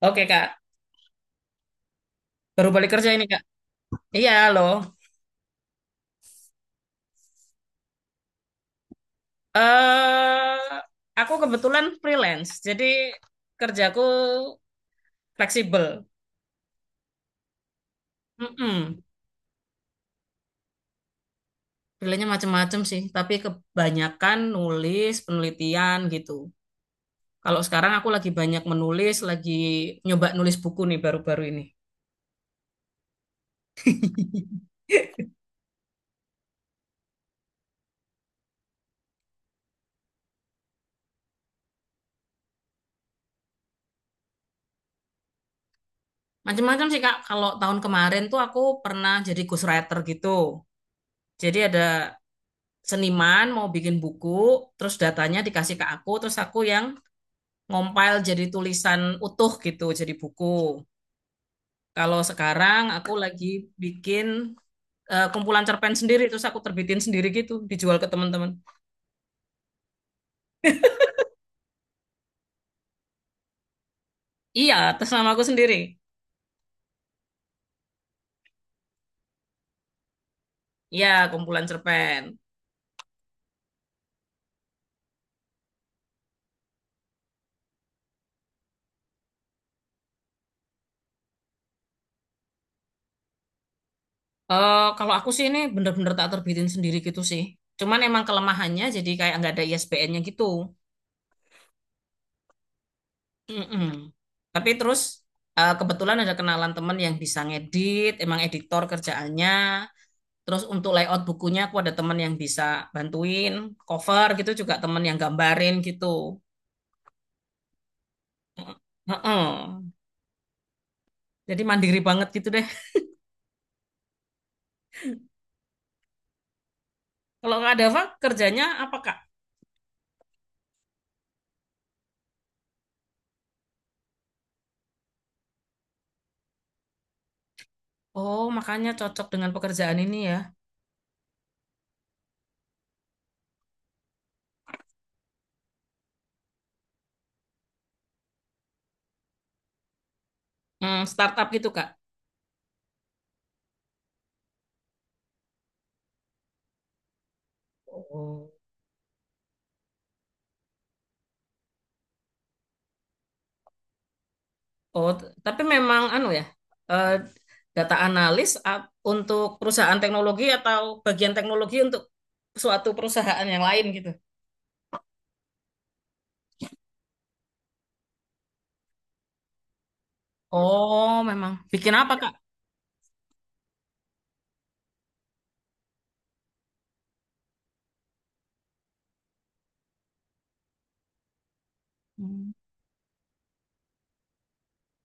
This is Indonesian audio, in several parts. Oke Kak, baru balik kerja ini Kak. Iya loh. Eh, aku kebetulan freelance, jadi kerjaku fleksibel. Mm-mm. Pilihannya macam-macam sih, tapi kebanyakan nulis, penelitian gitu. Kalau sekarang aku lagi banyak menulis, lagi nyoba nulis buku nih baru-baru ini. Macam-macam sih Kak. Kalau tahun kemarin tuh aku pernah jadi ghostwriter gitu. Jadi ada seniman mau bikin buku, terus datanya dikasih ke aku, terus aku yang ngompil jadi tulisan utuh gitu, jadi buku. Kalau sekarang aku lagi bikin kumpulan cerpen sendiri, terus aku terbitin sendiri gitu, dijual ke teman-teman. Iya, atas nama aku sendiri. Iya, kumpulan cerpen. Kalau aku sih ini bener-bener tak terbitin sendiri gitu sih. Cuman emang kelemahannya jadi kayak nggak ada ISBN-nya gitu. Mm-mm. Tapi terus kebetulan ada kenalan temen yang bisa ngedit, emang editor kerjaannya. Terus untuk layout bukunya aku ada temen yang bisa bantuin, cover gitu juga temen yang gambarin gitu. Heeh. Jadi mandiri banget gitu deh. Kalau nggak ada apa, kerjanya apa Kak? Oh, makanya cocok dengan pekerjaan ini ya. Hmm, startup gitu Kak. Oh. Oh, tapi memang anu ya, eh, data analis untuk perusahaan teknologi atau bagian teknologi untuk suatu perusahaan yang lain gitu. Oh, memang. Bikin apa, Kak? Hmm.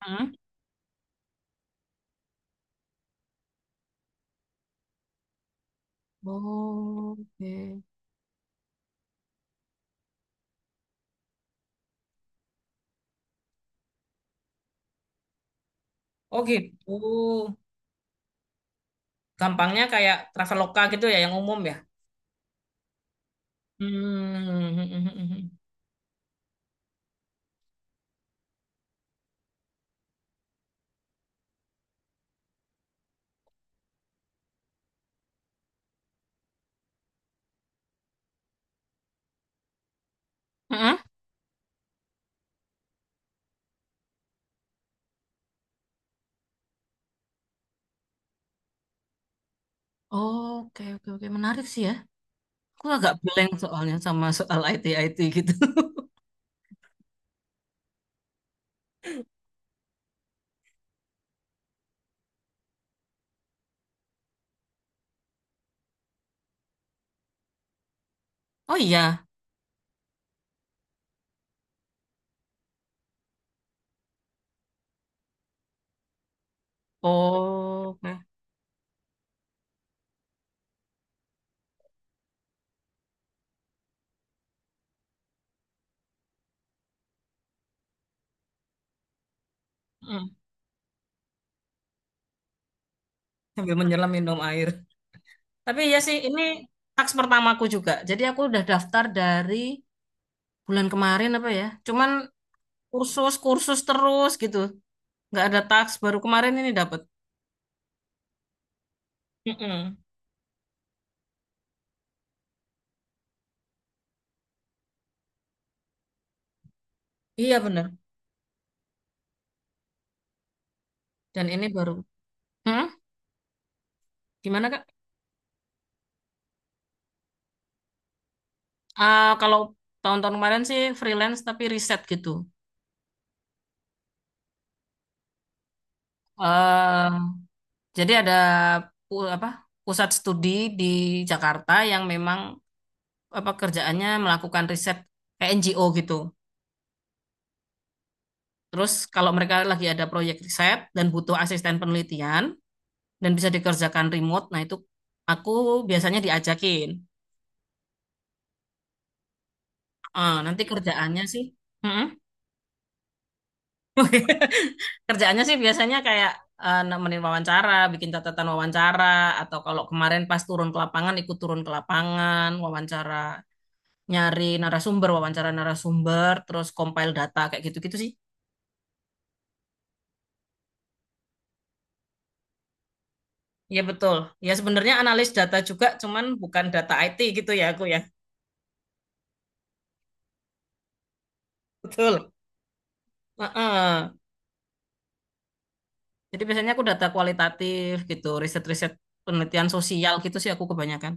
Hmm? Oh, oke. Oh, gitu. Gampangnya kayak Traveloka gitu ya, yang umum ya. Hmm. Hmm. Oke, oke, oke. Menarik sih ya. Aku agak blank soalnya sama soal IT-IT gitu. Oh iya. Oh, oke. Hmm. Sambil menyelam minum air. Tapi ya sih ini taks pertamaku juga. Jadi aku udah daftar dari bulan kemarin apa ya. Cuman kursus kursus terus gitu. Nggak ada taks baru kemarin ini dapat. Mm-mm. Iya bener. Dan ini baru. Hmm? Gimana Kak? Ah, kalau tahun-tahun kemarin sih freelance tapi riset gitu. eh jadi ada apa pusat studi di Jakarta yang memang apa kerjaannya melakukan riset kayak NGO gitu. Terus kalau mereka lagi ada proyek riset dan butuh asisten penelitian dan bisa dikerjakan remote, nah itu aku biasanya diajakin. Nanti kerjaannya sih, Mm-mm. Kerjaannya sih biasanya kayak nemenin wawancara, bikin catatan wawancara, atau kalau kemarin pas turun ke lapangan ikut turun ke lapangan, wawancara nyari narasumber, wawancara narasumber, terus compile data kayak gitu-gitu sih. Iya betul. Ya sebenarnya analis data juga, cuman bukan data IT gitu ya aku ya. Betul. Heeh. Jadi biasanya aku data kualitatif gitu, riset-riset penelitian sosial gitu sih aku kebanyakan.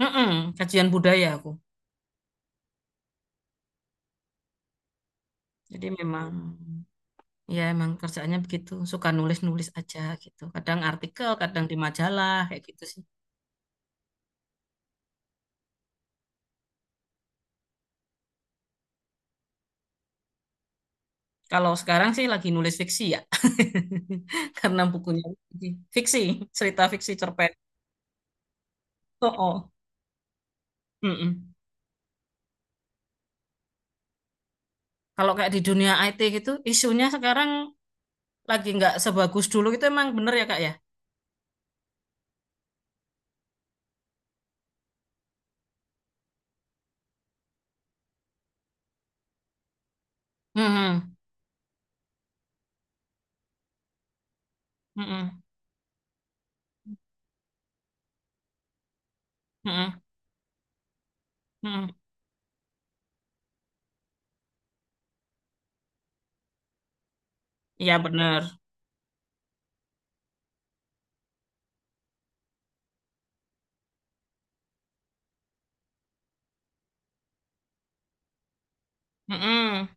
Heeh, kajian budaya aku. Jadi memang ya emang kerjaannya begitu, suka nulis-nulis aja gitu. Kadang artikel, kadang di majalah kayak gitu sih. Kalau sekarang sih lagi nulis fiksi ya. Karena bukunya fiksi, fiksi, cerita fiksi cerpen. Oh, oh. Mm-mm. Kalau kayak di dunia IT gitu, isunya sekarang lagi nggak sebagus dulu itu emang bener ya Kak ya? Hmm, hmm, Mm-mm. Iya bener. Mm-mm.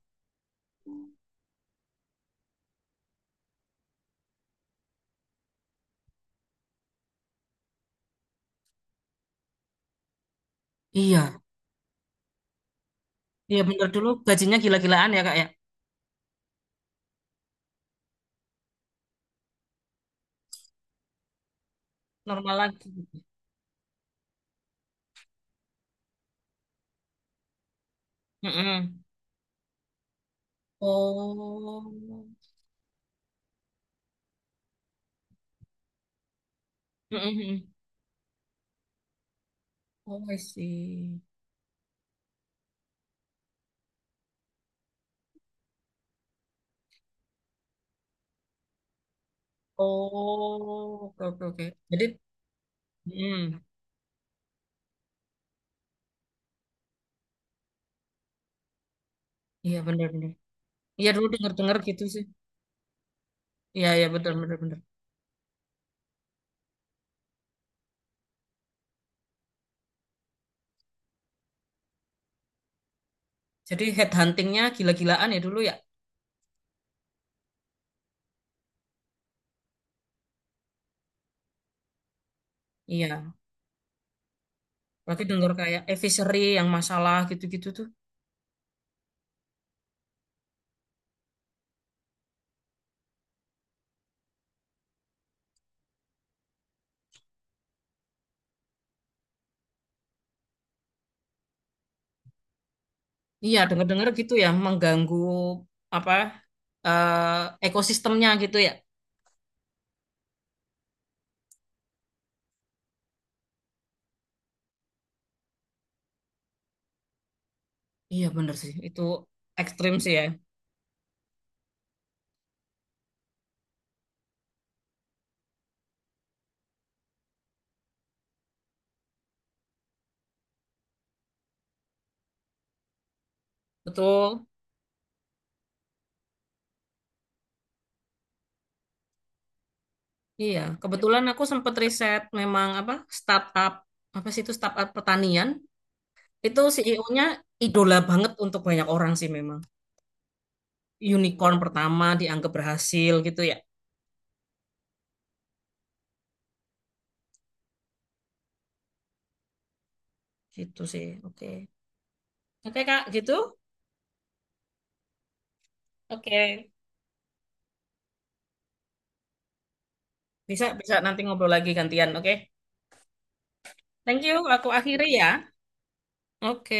Iya, iya bener dulu gajinya gila-gilaan ya Kak ya. Normal lagi. Mm-mm. Oh, Mm-mm. Oh, I see. Oh, oke, oke, oke. Jadi, mm iya benar benar. Iya dulu dengar dengar gitu sih. Iya, iya benar benar benar. Jadi head huntingnya gila-gilaan ya dulu ya. Iya. Berarti dengar kayak Fishery yang masalah gitu-gitu tuh. Iya dengar dengar gitu ya mengganggu apa eh ekosistemnya gitu ya. Iya bener sih, itu ekstrim sih ya. Betul. Iya, kebetulan aku sempat riset memang apa startup apa sih itu startup pertanian itu CEO-nya idola banget untuk banyak orang sih memang. Unicorn pertama dianggap berhasil gitu ya. Gitu sih. Oke. Oke Kak, gitu. Oke. Bisa bisa nanti ngobrol lagi gantian, oke? Thank you, aku akhiri ya. Oke.